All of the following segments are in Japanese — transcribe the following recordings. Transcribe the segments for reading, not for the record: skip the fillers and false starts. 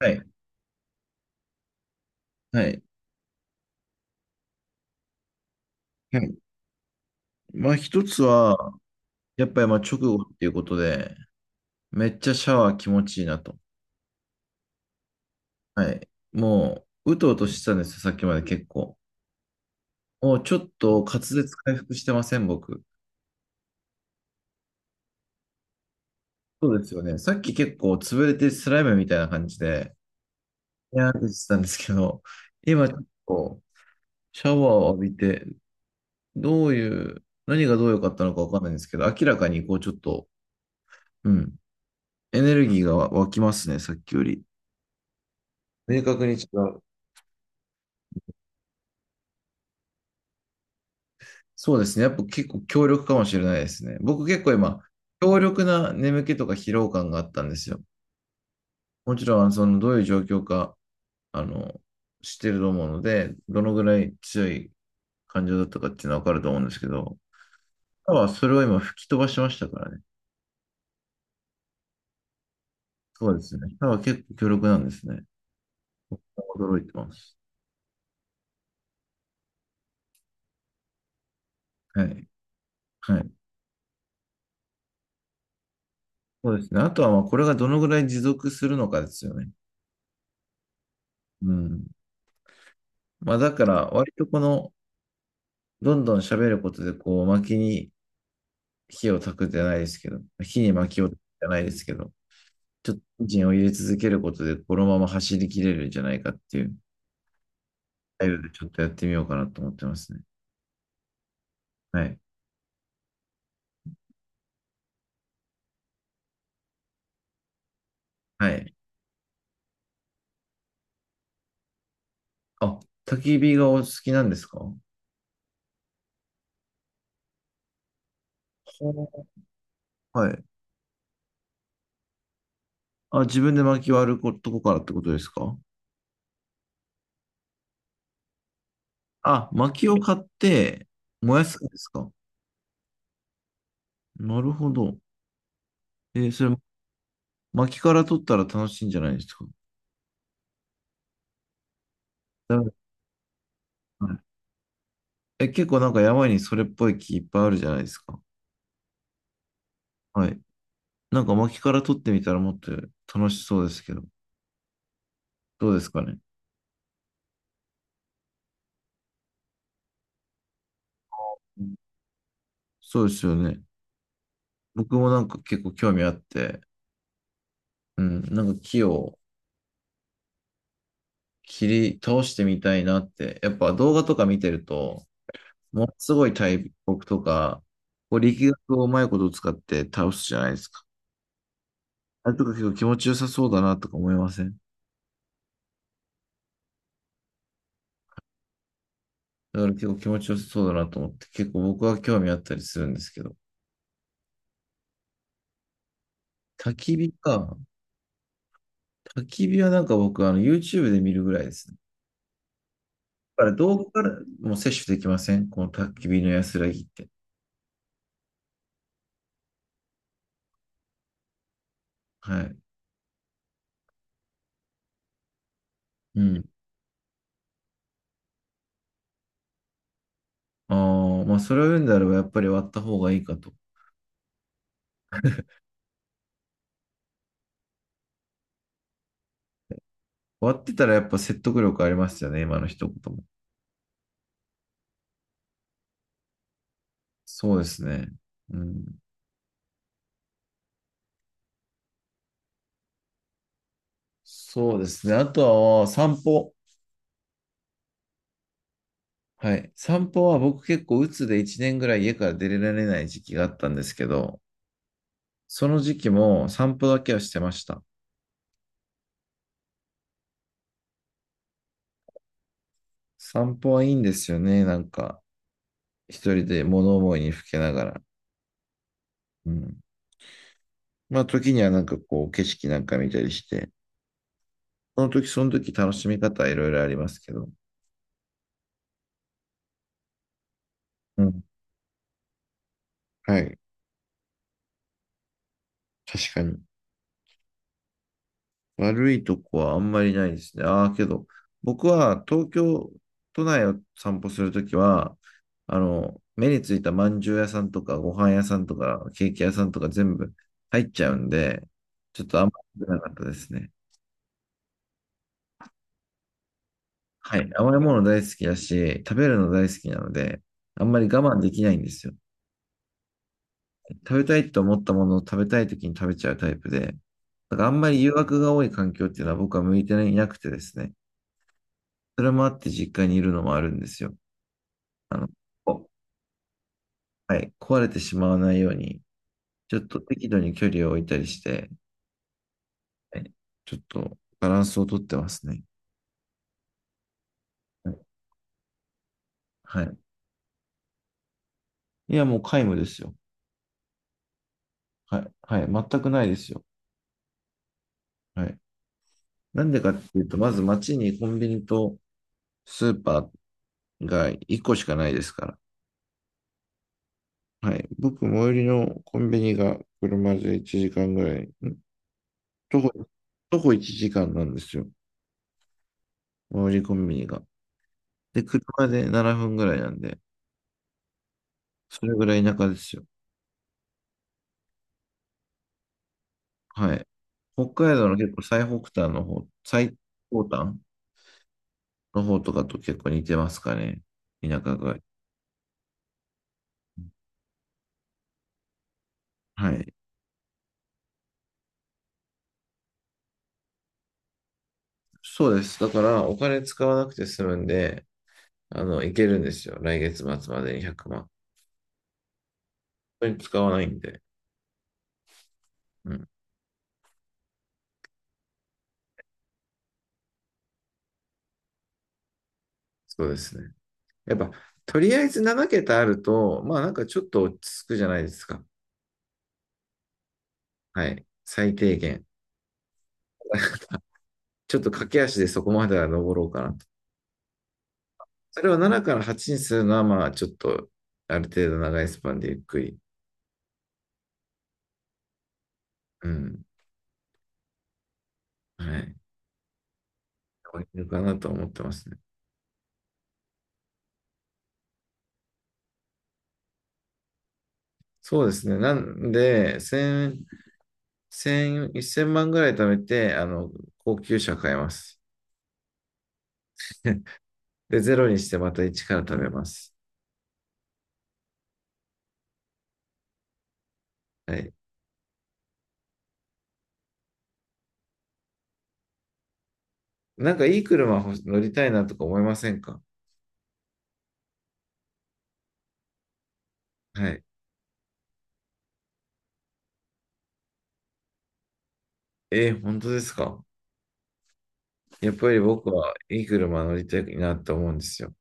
はい。はい。はい。まあ一つは、やっぱりまあ直後っていうことで、めっちゃシャワー気持ちいいなと。はい。もう、うとうとしてたんですよ、さっきまで結構。もうちょっと滑舌回復してません、僕。そうですよね。さっき結構潰れてスライムみたいな感じで、いやーってしてたんですけど、今ちょっとシャワーを浴びて、どういう、何がどう良かったのかわかんないんですけど、明らかにこうちょっと、うん、エネルギーが湧きますね、さっきより。明確に違う。そうですね。やっぱ結構強力かもしれないですね。僕結構今、強力な眠気とか疲労感があったんですよ。もちろん、どういう状況か、あの、知ってると思うので、どのぐらい強い感情だったかっていうのはわかると思うんですけど、歯はそれを今吹き飛ばしましたからね。そうですね。歯は結構強力なんですね。驚いてます。はい。はい。そうですね。あとは、まあ、これがどのぐらい持続するのかですよね。うん。まあ、だから、割とこの、どんどん喋ることで、こう、巻きに、火を焚くじゃないですけど、火に薪を焚くじゃないですけど、ちょっとエンジンを入れ続けることで、このまま走り切れるんじゃないかっていう、態度でちょっとやってみようかなと思ってますね。はい。はい。あ、焚き火がお好きなんですか？はい。あ、自分で薪割ることこからってことですか？あ、薪を買って燃やすんですか？なるほど。それ、薪から取ったら楽しいんじゃないですか？だはい。え、結構なんか山にそれっぽい木いっぱいあるじゃないですか。はい。なんか薪から取ってみたらもっと楽しそうですけど、どうですかね。うん。そうですよね。僕もなんか結構興味あって、うん、なんか木を切り倒してみたいなって、やっぱ動画とか見てると、ものすごい大木とか、こう力学をうまいこと使って倒すじゃないですか。あれとか結構気持ちよさそうだなとか思いませんだから結構気持ちよさそうだなと思って、結構僕は興味あったりするんですけど。焚き火か。焚き火はなんか僕YouTube で見るぐらいですね。からどこからも摂取できませんこの焚き火の安らぎって。はい。うん。ああ、まあ、それを言うんであれば、やっぱり割った方がいいかと。割ってたらやっぱ説得力ありますよね、今の一言も。そうですね。うん。そうですね。あとは散歩。はい。散歩は僕結構鬱で1年ぐらい家から出られない時期があったんですけど、その時期も散歩だけはしてました。散歩はいいんですよね。なんか、一人で物思いにふけながら。うん。まあ、時にはなんかこう、景色なんか見たりして、その時その時楽しみ方はいろいろありますけど。うん。はい。確かに。悪いとこはあんまりないですね。ああ、けど、僕は東京都内を散歩するときは、目についたまんじゅう屋さんとか、ご飯屋さんとか、ケーキ屋さんとか全部入っちゃうんで、ちょっとあんまり良くなかったですね。はい。甘いもの大好きだし、食べるの大好きなので、あんまり我慢できないんですよ。食べたいと思ったものを食べたい時に食べちゃうタイプで、だからあんまり誘惑が多い環境っていうのは僕は向いていなくてですね。それもあって実家にいるのもあるんですよ。あの、こはい、壊れてしまわないように、ちょっと適度に距離を置いたりして、はい、ちょっとバランスをとってますね。はい。はい。いや、もう皆無ですよ。はい。はい。全くないですよ。はい。なんでかっていうと、まず街にコンビニとスーパーが1個しかないですから。はい。僕、最寄りのコンビニが車で1時間ぐらい、徒歩、徒歩1時間なんですよ。最寄りコンビニが。で、車で7分ぐらいなんで、それぐらい田舎ですよ。はい。北海道の結構最北端の方、最高端の方とかと結構似てますかね。田舎が。はい。そうです。だから、お金使わなくて済むんで、いけるんですよ。来月末までに100万。本当に使わないんで。うん。そうですね。やっぱ、とりあえず7桁あると、まあなんかちょっと落ち着くじゃないですか。はい。最低限。ちょっと駆け足でそこまでは登ろうかなと。それを7から8にするのは、まあちょっと、ある程度長いスパンでゆっくり、うん。はい。終われるかなと思ってますね。そうですね。なんで、1000、万ぐらい貯めて、高級車買います。で、ゼロにしてまた1から貯めます。はい。なんかいい車乗りたいなとか思いませんか？はい。本当ですか？やっぱり僕はいい車乗りたいなって思うんですよ。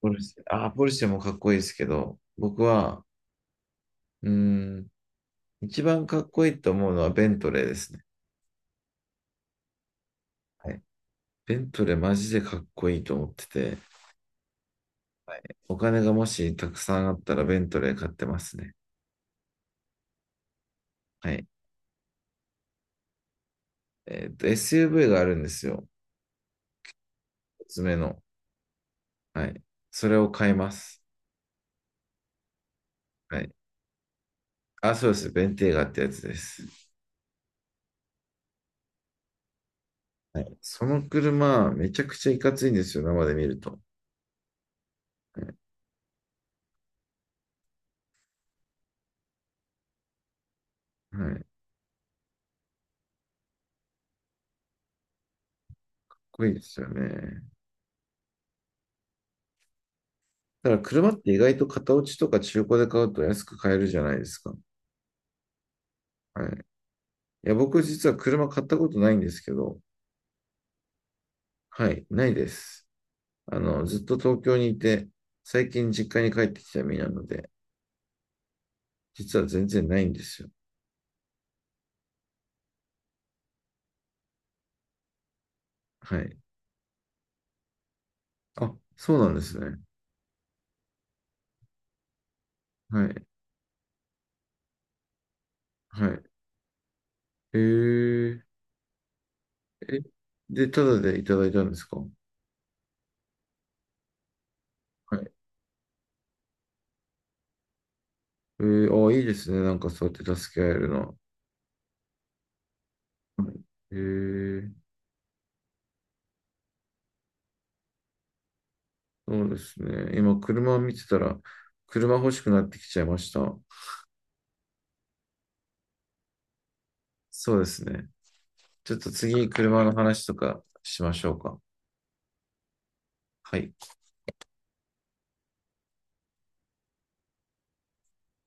ポルシェもかっこいいですけど、僕は、うーん、一番かっこいいと思うのはベントレーですね。はい。ベントレーマジでかっこいいと思ってて、はい。お金がもしたくさんあったらベントレー買ってますね。はい。SUV があるんですよ。おつ目の。はい。それを買います。はい。あ、そうです。ベンテーガってやつです。はい。その車、めちゃくちゃいかついんですよ、生で見ると。はい。かいいですよね。だから車って意外と型落ちとか中古で買うと安く買えるじゃないですか。はい。いや、僕実は車買ったことないんですけど、はい、ないです。ずっと東京にいて、最近実家に帰ってきた身なので、実は全然ないんですよ。はい。あ、そうなんですね。はい。はい。えー、え、で、ただでいただいたんですか？はい。あ、いいですね。なんかそうやって助け合えるのは。はい。えーそうですね。今、車を見てたら、車欲しくなってきちゃいました。そうですね。ちょっと次、車の話とかしましょうか。はい。